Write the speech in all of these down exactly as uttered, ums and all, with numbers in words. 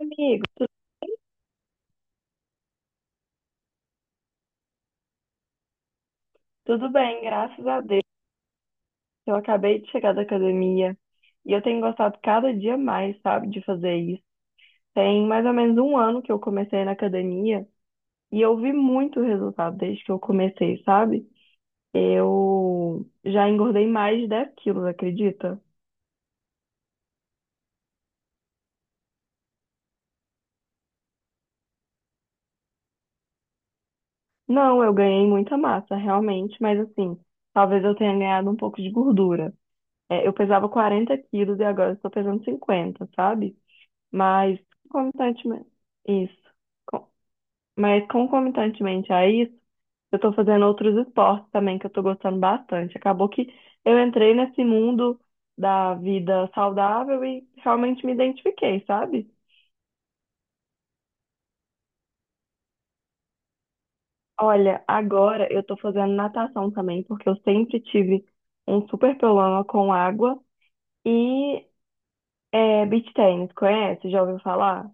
Amigo, tu- tudo bem, graças a Deus. Eu acabei de chegar da academia e eu tenho gostado cada dia mais, sabe, de fazer isso. Tem mais ou menos um ano que eu comecei na academia e eu vi muito resultado desde que eu comecei, sabe? Eu já engordei mais de 10 quilos, acredita? Não, eu ganhei muita massa, realmente, mas assim, talvez eu tenha ganhado um pouco de gordura. É, eu pesava quarenta quilos e agora eu estou pesando cinquenta, sabe? Mas constantemente. Isso. Mas concomitantemente a isso, eu tô fazendo outros esportes também que eu tô gostando bastante. Acabou que eu entrei nesse mundo da vida saudável e realmente me identifiquei, sabe? Olha, agora eu tô fazendo natação também, porque eu sempre tive um super problema com água. E é, beach tennis, conhece? Já ouviu falar?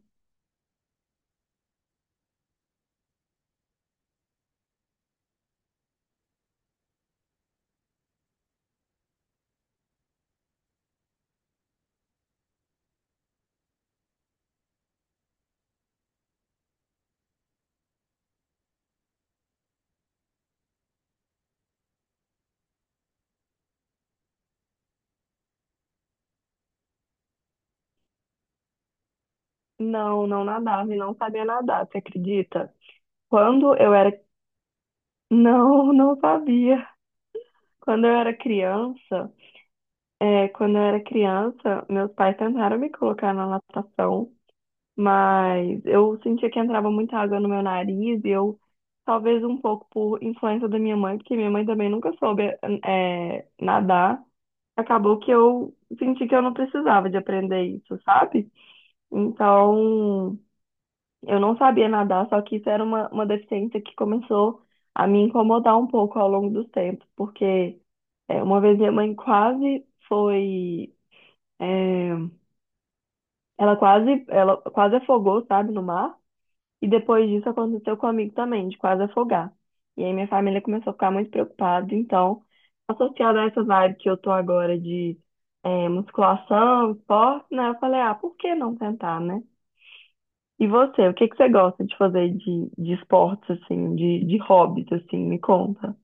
Não, não nadava e não sabia nadar, você acredita? Quando eu era. Não, não sabia. Quando eu era criança. É, quando eu era criança, meus pais tentaram me colocar na natação, mas eu sentia que entrava muita água no meu nariz e eu, talvez um pouco por influência da minha mãe, porque minha mãe também nunca soube, é, nadar, acabou que eu senti que eu não precisava de aprender isso, sabe? Então, eu não sabia nadar, só que isso era uma, uma deficiência que começou a me incomodar um pouco ao longo dos tempos, porque é, uma vez minha mãe quase foi. É, ela quase, ela quase afogou, sabe, no mar. E depois disso aconteceu com um amigo também, de quase afogar. E aí minha família começou a ficar muito preocupada. Então, associado a essa vibe que eu tô agora de é, musculação, esporte, né? Eu falei, ah, por que não tentar, né? E você, o que que você gosta de fazer de, de esportes, assim, de, de hobbies, assim, me conta?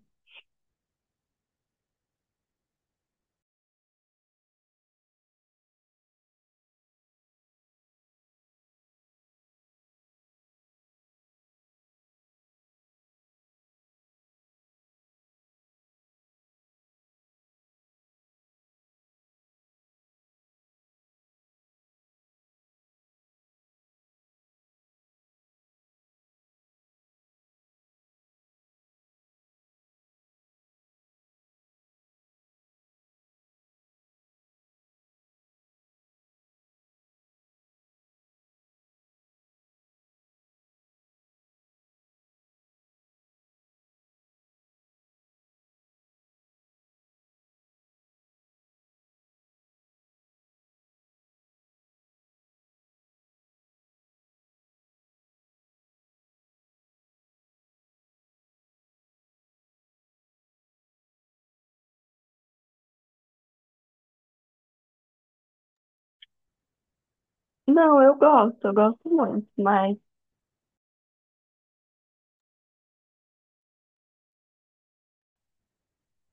Não, eu gosto, eu gosto muito, mas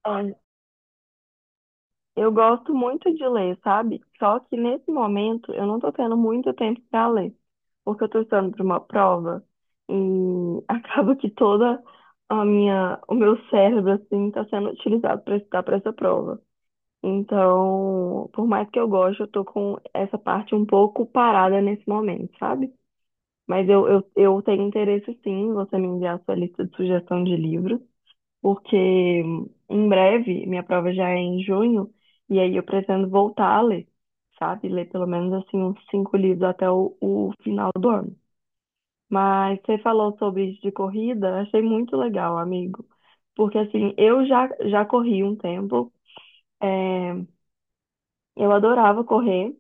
é, eu gosto muito de ler, sabe? Só que nesse momento eu não tô tendo muito tempo para ler, porque eu tô estudando para uma prova e acaba que toda a minha, o meu cérebro assim tá sendo utilizado para estudar para essa prova. Então, por mais que eu goste, eu tô com essa parte um pouco parada nesse momento, sabe? Mas eu, eu, eu tenho interesse sim, em você me enviar a sua lista de sugestão de livros porque em breve minha prova já é em junho, e aí eu pretendo voltar a ler, sabe? Ler pelo menos assim uns cinco livros até o, o final do ano. Mas você falou sobre isso de corrida, achei muito legal, amigo. Porque assim, eu já, já corri um tempo, é, eu adorava correr.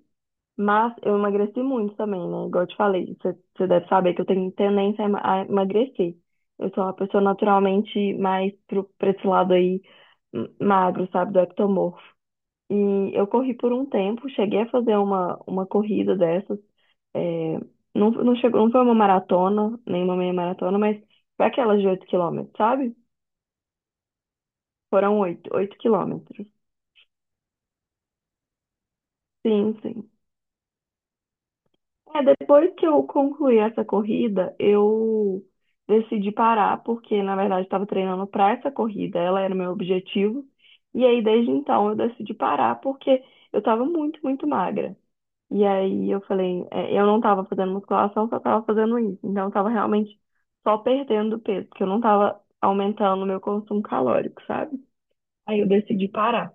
Mas eu emagreci muito também, né? Igual eu te falei, você você deve saber que eu tenho tendência a ema- a emagrecer. Eu sou uma pessoa naturalmente mais pro, pra esse lado aí, m- magro, sabe, do ectomorfo. E eu corri por um tempo, cheguei a fazer uma, uma corrida dessas. é, não, não chegou, não foi uma maratona, nem uma meia maratona, mas foi aquelas de oito quilômetros, sabe? Foram oito oito quilômetros. Sim, sim. É, depois que eu concluí essa corrida, eu decidi parar, porque na verdade estava treinando para essa corrida, ela era o meu objetivo. E aí, desde então, eu decidi parar, porque eu estava muito, muito magra. E aí, eu falei, é, eu não estava fazendo musculação, só estava fazendo isso. Então, eu estava realmente só perdendo peso, porque eu não estava aumentando o meu consumo calórico, sabe? Aí, eu decidi parar.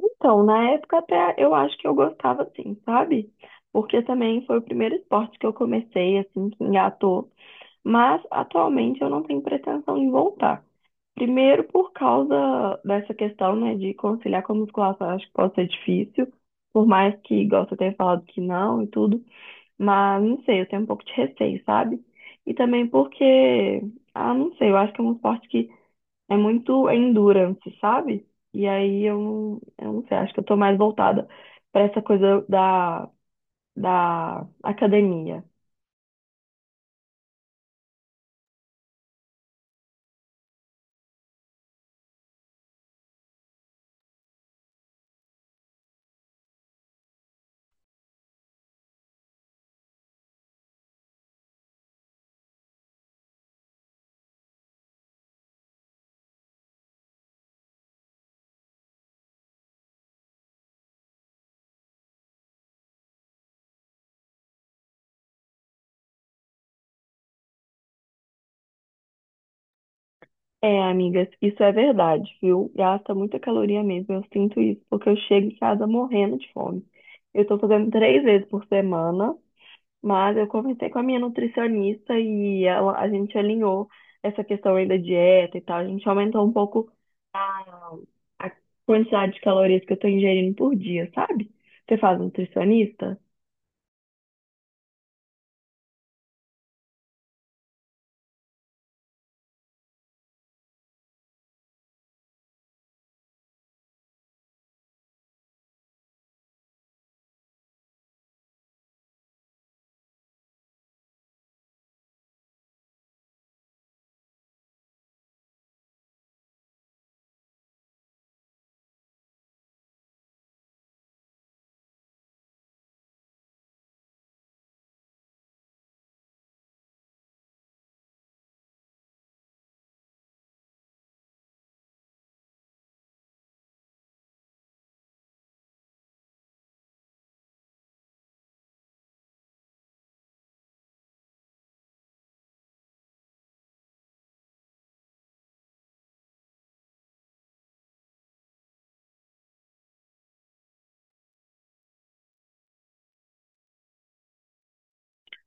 Então, na época até eu acho que eu gostava assim, sabe? Porque também foi o primeiro esporte que eu comecei, assim, que engatou. Mas atualmente eu não tenho pretensão em voltar. Primeiro por causa dessa questão, né, de conciliar com a musculação, eu acho que pode ser difícil. Por mais que, igual você tenha falado que não e tudo. Mas, não sei, eu tenho um pouco de receio, sabe? E também porque, ah, não sei, eu acho que é um esporte que é muito endurance, sabe? E aí eu, não- eu não sei, acho que eu tô mais voltada pra essa coisa da, da academia. É, amigas, isso é verdade, viu? Gasta muita caloria mesmo, eu sinto isso, porque eu chego em casa morrendo de fome. Eu tô fazendo três vezes por semana. Mas eu conversei com a minha nutricionista e ela, a gente alinhou essa questão aí da dieta e tal. A gente aumentou um pouco a, a quantidade de calorias que eu tô ingerindo por dia, sabe? Você faz nutricionista?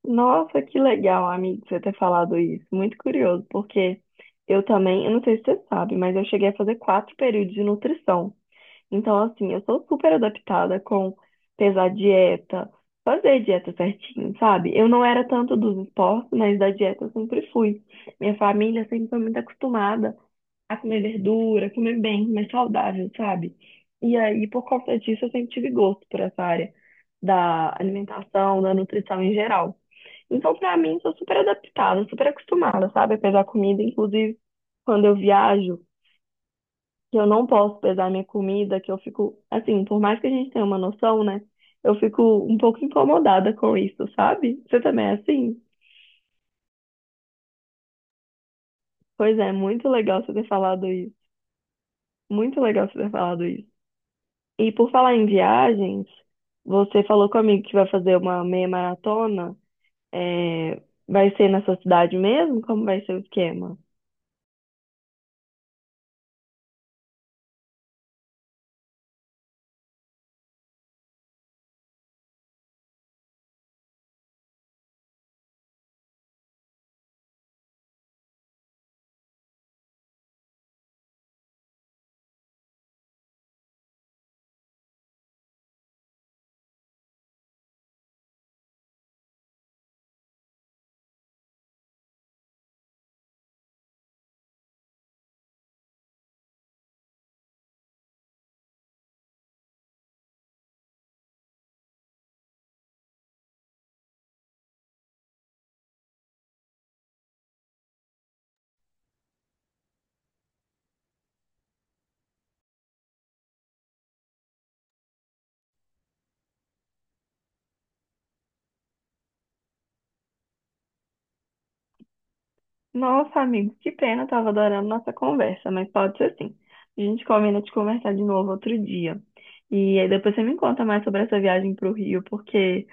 Nossa, que legal, amigo, você ter falado isso. Muito curioso, porque eu também, eu não sei se você sabe, mas eu cheguei a fazer quatro períodos de nutrição. Então, assim, eu sou super adaptada com pesar dieta, fazer dieta certinho, sabe? Eu não era tanto dos esportes, mas da dieta eu sempre fui. Minha família sempre foi muito acostumada a comer verdura, comer bem, mais saudável, sabe? E aí, por conta disso, eu sempre tive gosto por essa área da alimentação, da nutrição em geral. Então, pra mim, sou super adaptada, super acostumada, sabe? A pesar comida, inclusive, quando eu viajo que eu não posso pesar minha comida, que eu fico, assim, por mais que a gente tenha uma noção, né? Eu fico um pouco incomodada com isso, sabe? Você também é assim? Pois é, muito legal você ter falado isso. Muito legal você ter falado isso. E por falar em viagens, você falou comigo que vai fazer uma meia maratona. É, Vai ser na sua cidade mesmo? Como vai ser o esquema? Nossa, amigo, que pena, eu tava adorando nossa conversa, mas pode ser sim. A gente combina de conversar de novo outro dia. E aí depois você me conta mais sobre essa viagem pro Rio, porque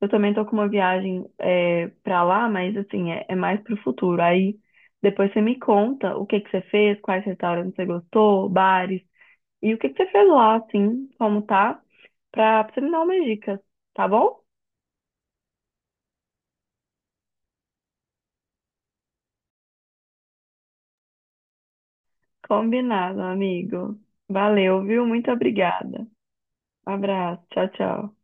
eu também tô com uma viagem é, para lá, mas assim, é, é mais pro futuro. Aí depois você me conta o que que você fez, quais restaurantes você gostou, bares, e o que que você fez lá, assim, como tá, pra pra você me dar umas dicas, tá bom? Combinado, amigo. Valeu, viu? Muito obrigada. Abraço, tchau, tchau.